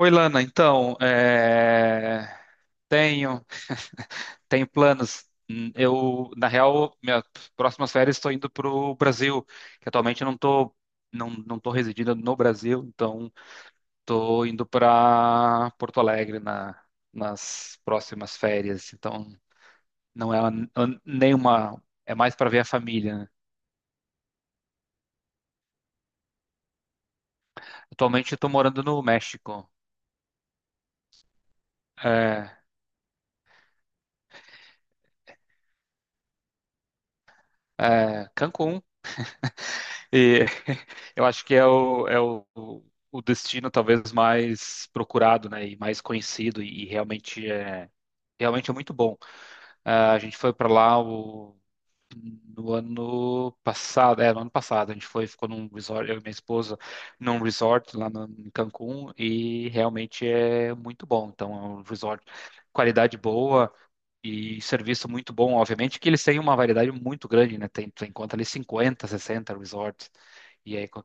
Oi, Lana. Então, tenho tenho planos. Eu, na real, minhas próximas férias estou indo para o Brasil, que atualmente não estou não, não tô residindo no Brasil, então estou indo para Porto Alegre nas próximas férias. Então, não é nenhuma, é mais para ver a família, né? Atualmente estou morando no México, é, Cancún. E eu acho que o destino talvez mais procurado, né, e mais conhecido e realmente é muito bom. Ah, a gente foi para lá no ano passado, a gente foi, ficou num resort, eu e minha esposa, num resort lá no, em Cancún e realmente é muito bom. Então é um resort qualidade boa e serviço muito bom, obviamente, que eles têm uma variedade muito grande, né? Tem, tu encontra ali 50, 60 resorts, e aí com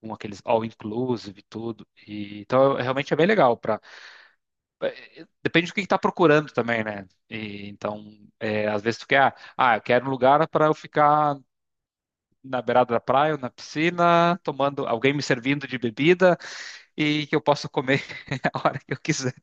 com aqueles all inclusive e tudo. E, então, realmente é bem legal. É, depende do que está procurando também, né? E, então, às vezes tu quer, eu quero um lugar para eu ficar na beirada da praia, ou na piscina, tomando, alguém me servindo de bebida e que eu possa comer a hora que eu quiser.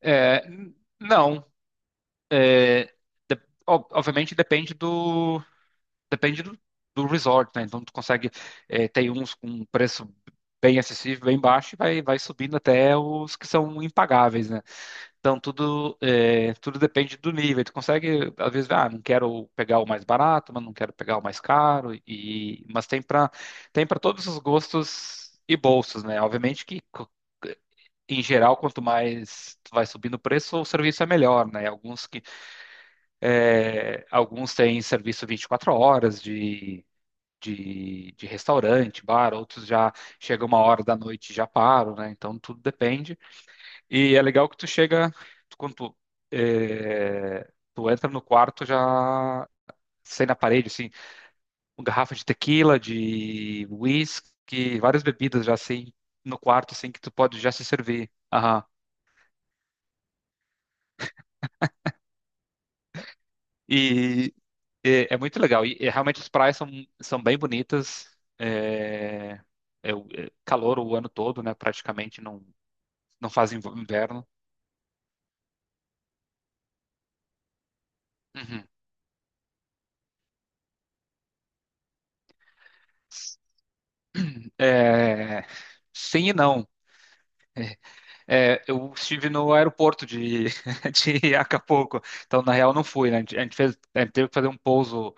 É, não, é, obviamente depende Depende do, do resort, né? Então tu consegue, tem uns com preço bem acessível, bem baixo, e vai subindo até os que são impagáveis, né? Então tudo depende do nível. Tu consegue, às vezes, ah, não quero pegar o mais barato, mas não quero pegar o mais caro, e, mas tem para todos os gostos e bolsos, né? Obviamente que em geral, quanto mais tu vai subindo o preço, o serviço é melhor, né? Alguns alguns têm serviço 24 horas de restaurante, bar, outros já chega uma hora da noite e já param, né? Então tudo depende. E é legal que tu chega, quando tu entra no quarto já sai na parede, assim, uma garrafa de tequila, de whisky, várias bebidas já assim no quarto, assim, que tu pode já se servir. Aham. E é muito legal. E realmente as praias são bem bonitas. É, é calor o ano todo, né? Praticamente não fazem inverno. Uhum. É, sim e não. É, eu estive no aeroporto de, de Acapulco, então na real não fui, né? A gente teve que fazer um pouso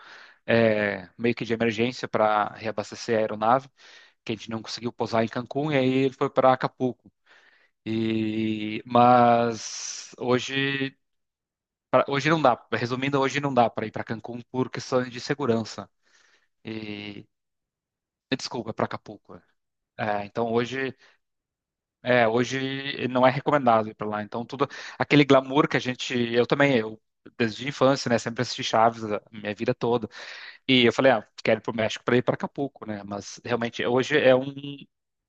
meio que de emergência para reabastecer a aeronave, que a gente não conseguiu pousar em Cancún e aí ele foi para Acapulco. E mas hoje não dá. Resumindo, hoje não dá para ir para Cancún por questões de segurança. E desculpa, para Acapulco. É, então hoje hoje não é recomendado ir para lá. Então, tudo aquele glamour que a gente. Eu também, eu desde a infância, né? Sempre assisti Chaves a minha vida toda. E eu falei, ah, quero ir para o México para ir para Acapulco, né? Mas realmente, hoje é um.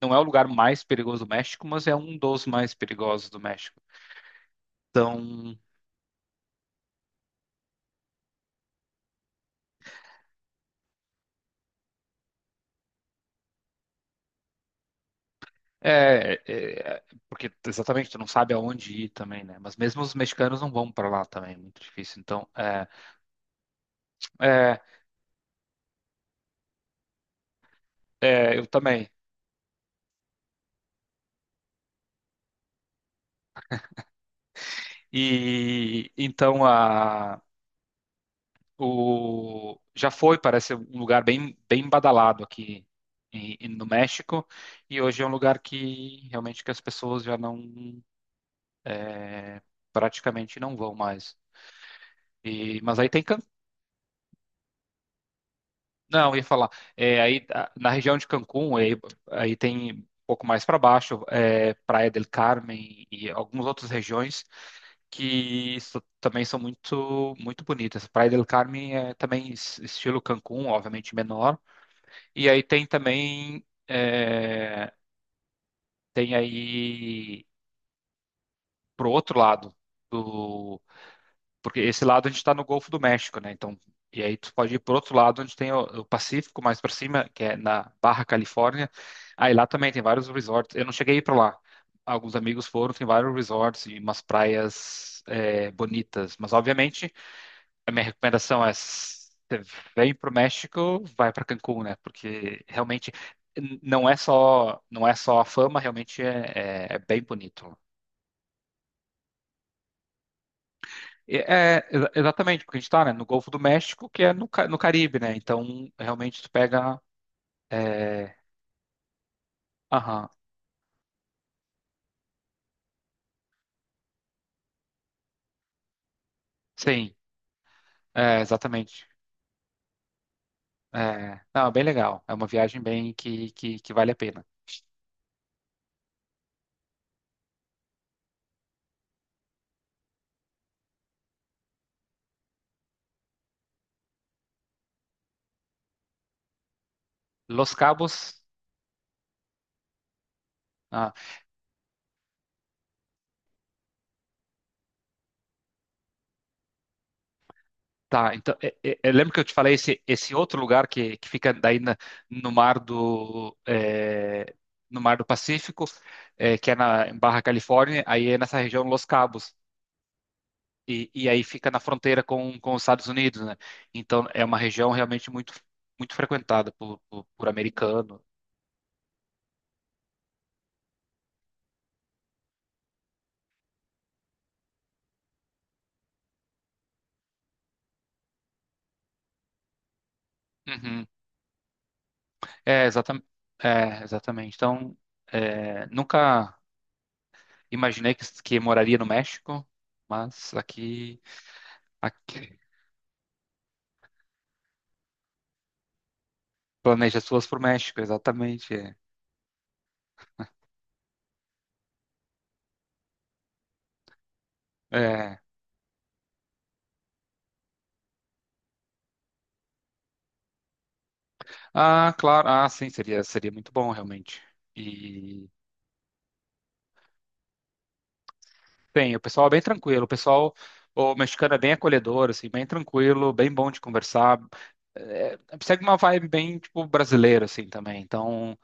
Não é o lugar mais perigoso do México, mas é um dos mais perigosos do México. Então, é. é- porque exatamente, tu não sabe aonde ir também, né? Mas mesmo os mexicanos não vão para lá também, é muito difícil. É, eu também. E então a o já foi, parece um lugar bem bem badalado aqui no México e hoje é um lugar que realmente que as pessoas já não, é, praticamente não vão mais. E mas aí tem não, eu ia falar, aí na região de Cancún, aí tem um pouco mais para baixo, é, Praia del Carmen e algumas outras regiões que também são muito muito bonitas. Praia del Carmen é também estilo Cancún, obviamente menor. E aí tem também, tem aí pro outro lado do, porque esse lado a gente está no Golfo do México, né? Então, e aí tu pode ir pro outro lado onde tem o Pacífico mais para cima, que é na Barra Califórnia. Aí lá também tem vários resorts. Eu não cheguei para lá. Alguns amigos foram, tem vários resorts e umas praias é, bonitas, mas obviamente a minha recomendação é você vem para o México, vai para Cancún, né? Porque realmente não é só não é só a fama, realmente é, é bem bonito. E é exatamente porque a gente está, né, no Golfo do México, que é no, no Caribe, né? Então realmente tu pega, é, aham, sim, é, exatamente. É, não, é bem legal. É uma viagem bem que vale a pena. Los Cabos, ah, Tá, então, eu lembro que eu te falei esse outro lugar que fica daí no mar do, é, no mar do Pacífico, que é na em Barra Califórnia, aí é nessa região Los Cabos, e aí fica na fronteira com os Estados Unidos, né? Então é uma região realmente muito, muito frequentada por americano. Uhum. É, exatamente. É, exatamente. Então, nunca imaginei que moraria no México, mas aqui. aqui Planeja suas pro México, exatamente. É. É. Ah, claro. Ah, sim, seria muito bom, realmente. E bem, o pessoal é bem tranquilo. O mexicano é bem acolhedor, assim, bem tranquilo, bem bom de conversar. Segue uma vibe bem, tipo, brasileira, assim, também. Então,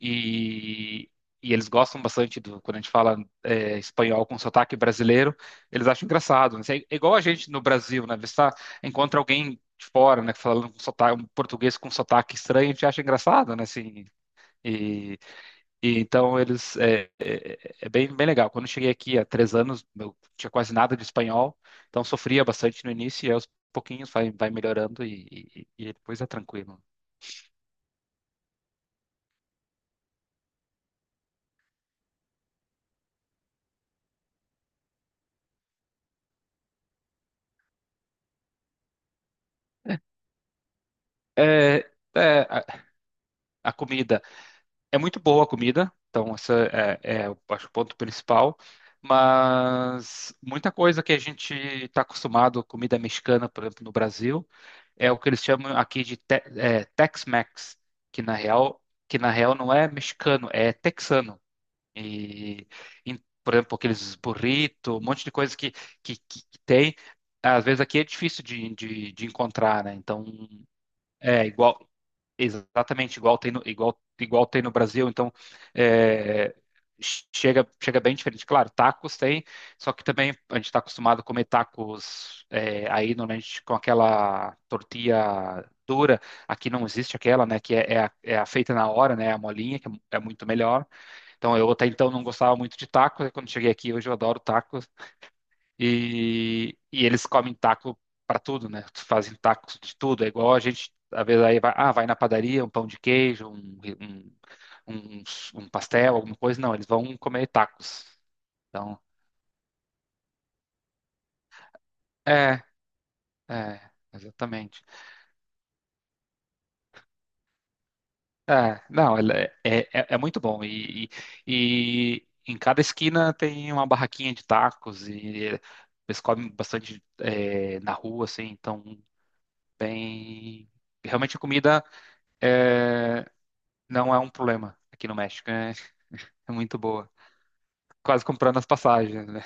E, e eles gostam bastante do, quando a gente fala espanhol com sotaque brasileiro, eles acham engraçado, né? É igual a gente no Brasil, né? Encontra alguém de fora, né, falando com sotaque, um português com sotaque estranho, a gente acha engraçado, né? Assim, e, e então eles bem, bem legal. Quando eu cheguei aqui há 3 anos, eu tinha quase nada de espanhol, então sofria bastante no início e aos pouquinhos vai, vai melhorando e depois é tranquilo. É, é, a, a comida é muito boa a comida, então essa eu acho, o ponto principal. Mas muita coisa que a gente está acostumado, comida mexicana, por exemplo, no Brasil, é o que eles chamam aqui de Tex-Mex, que na real, que na real não é mexicano, é texano. E, por exemplo, aqueles burrito, um monte de coisa que tem. Às vezes aqui é difícil de encontrar, né? Então, é igual. Exatamente, igual tem igual tem no Brasil, então é, chega bem diferente. Claro, tacos tem, só que também a gente está acostumado a comer tacos aí normalmente com aquela tortilha dura, aqui não existe aquela, né, que é, é a, é a feita na hora, né, é a molinha, que é é muito melhor. Então eu até então não gostava muito de tacos, e quando cheguei aqui hoje eu adoro tacos, e eles comem taco para tudo, né? Fazem tacos de tudo. É igual a gente, às vezes, aí vai, ah, vai na padaria, um pão de queijo, um, um, um, pastel, alguma coisa. Não, eles vão comer tacos. Então, é, é, exatamente. É, não, ela é muito bom. E em cada esquina tem uma barraquinha de tacos e eles comem bastante na rua, assim. Então, bem realmente a comida. é, não é um problema aqui no México. É, é muito boa. Quase comprando as passagens, né?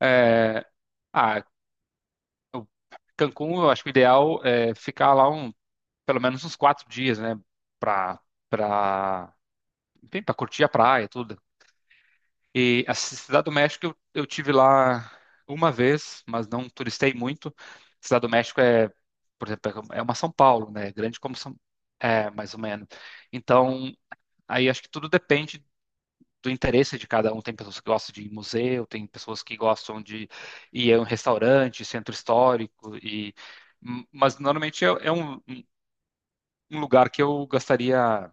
É, ah, o Cancún, eu acho que o ideal é ficar lá pelo menos uns 4 dias, né? Pra, pra, Enfim, pra curtir a praia, tudo. E a Cidade do México eu tive lá uma vez, mas não turistei muito. Cidade do México por exemplo, é uma São Paulo, né? Grande como São, é, mais ou menos. Então, aí acho que tudo depende do interesse de cada um. Tem pessoas que gostam de ir em museu, tem pessoas que gostam de ir a um restaurante, centro histórico, e mas normalmente é um lugar que eu gastaria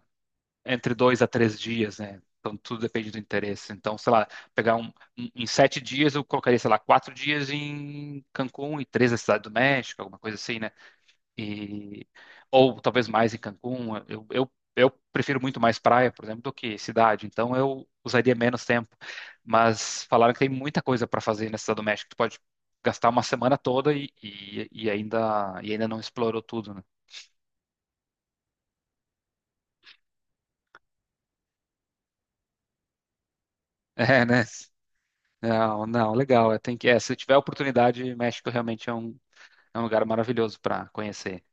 entre 2 a 3 dias, né? Então tudo depende do interesse. Então, sei lá, pegar um em 7 dias eu colocaria, sei lá, 4 dias em Cancún e 3 na Cidade do México, alguma coisa assim, né? E ou talvez mais em Cancún. Eu prefiro muito mais praia, por exemplo, do que cidade, então eu usaria menos tempo. Mas falaram que tem muita coisa para fazer na Cidade do México. Tu pode gastar uma semana toda e ainda não explorou tudo, né? É, né? Não, não, legal. Tem que, se tiver oportunidade, México realmente é um, lugar maravilhoso para conhecer.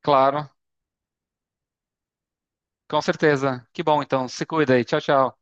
Claro, com certeza. Que bom, então. Se cuida aí. Tchau, tchau.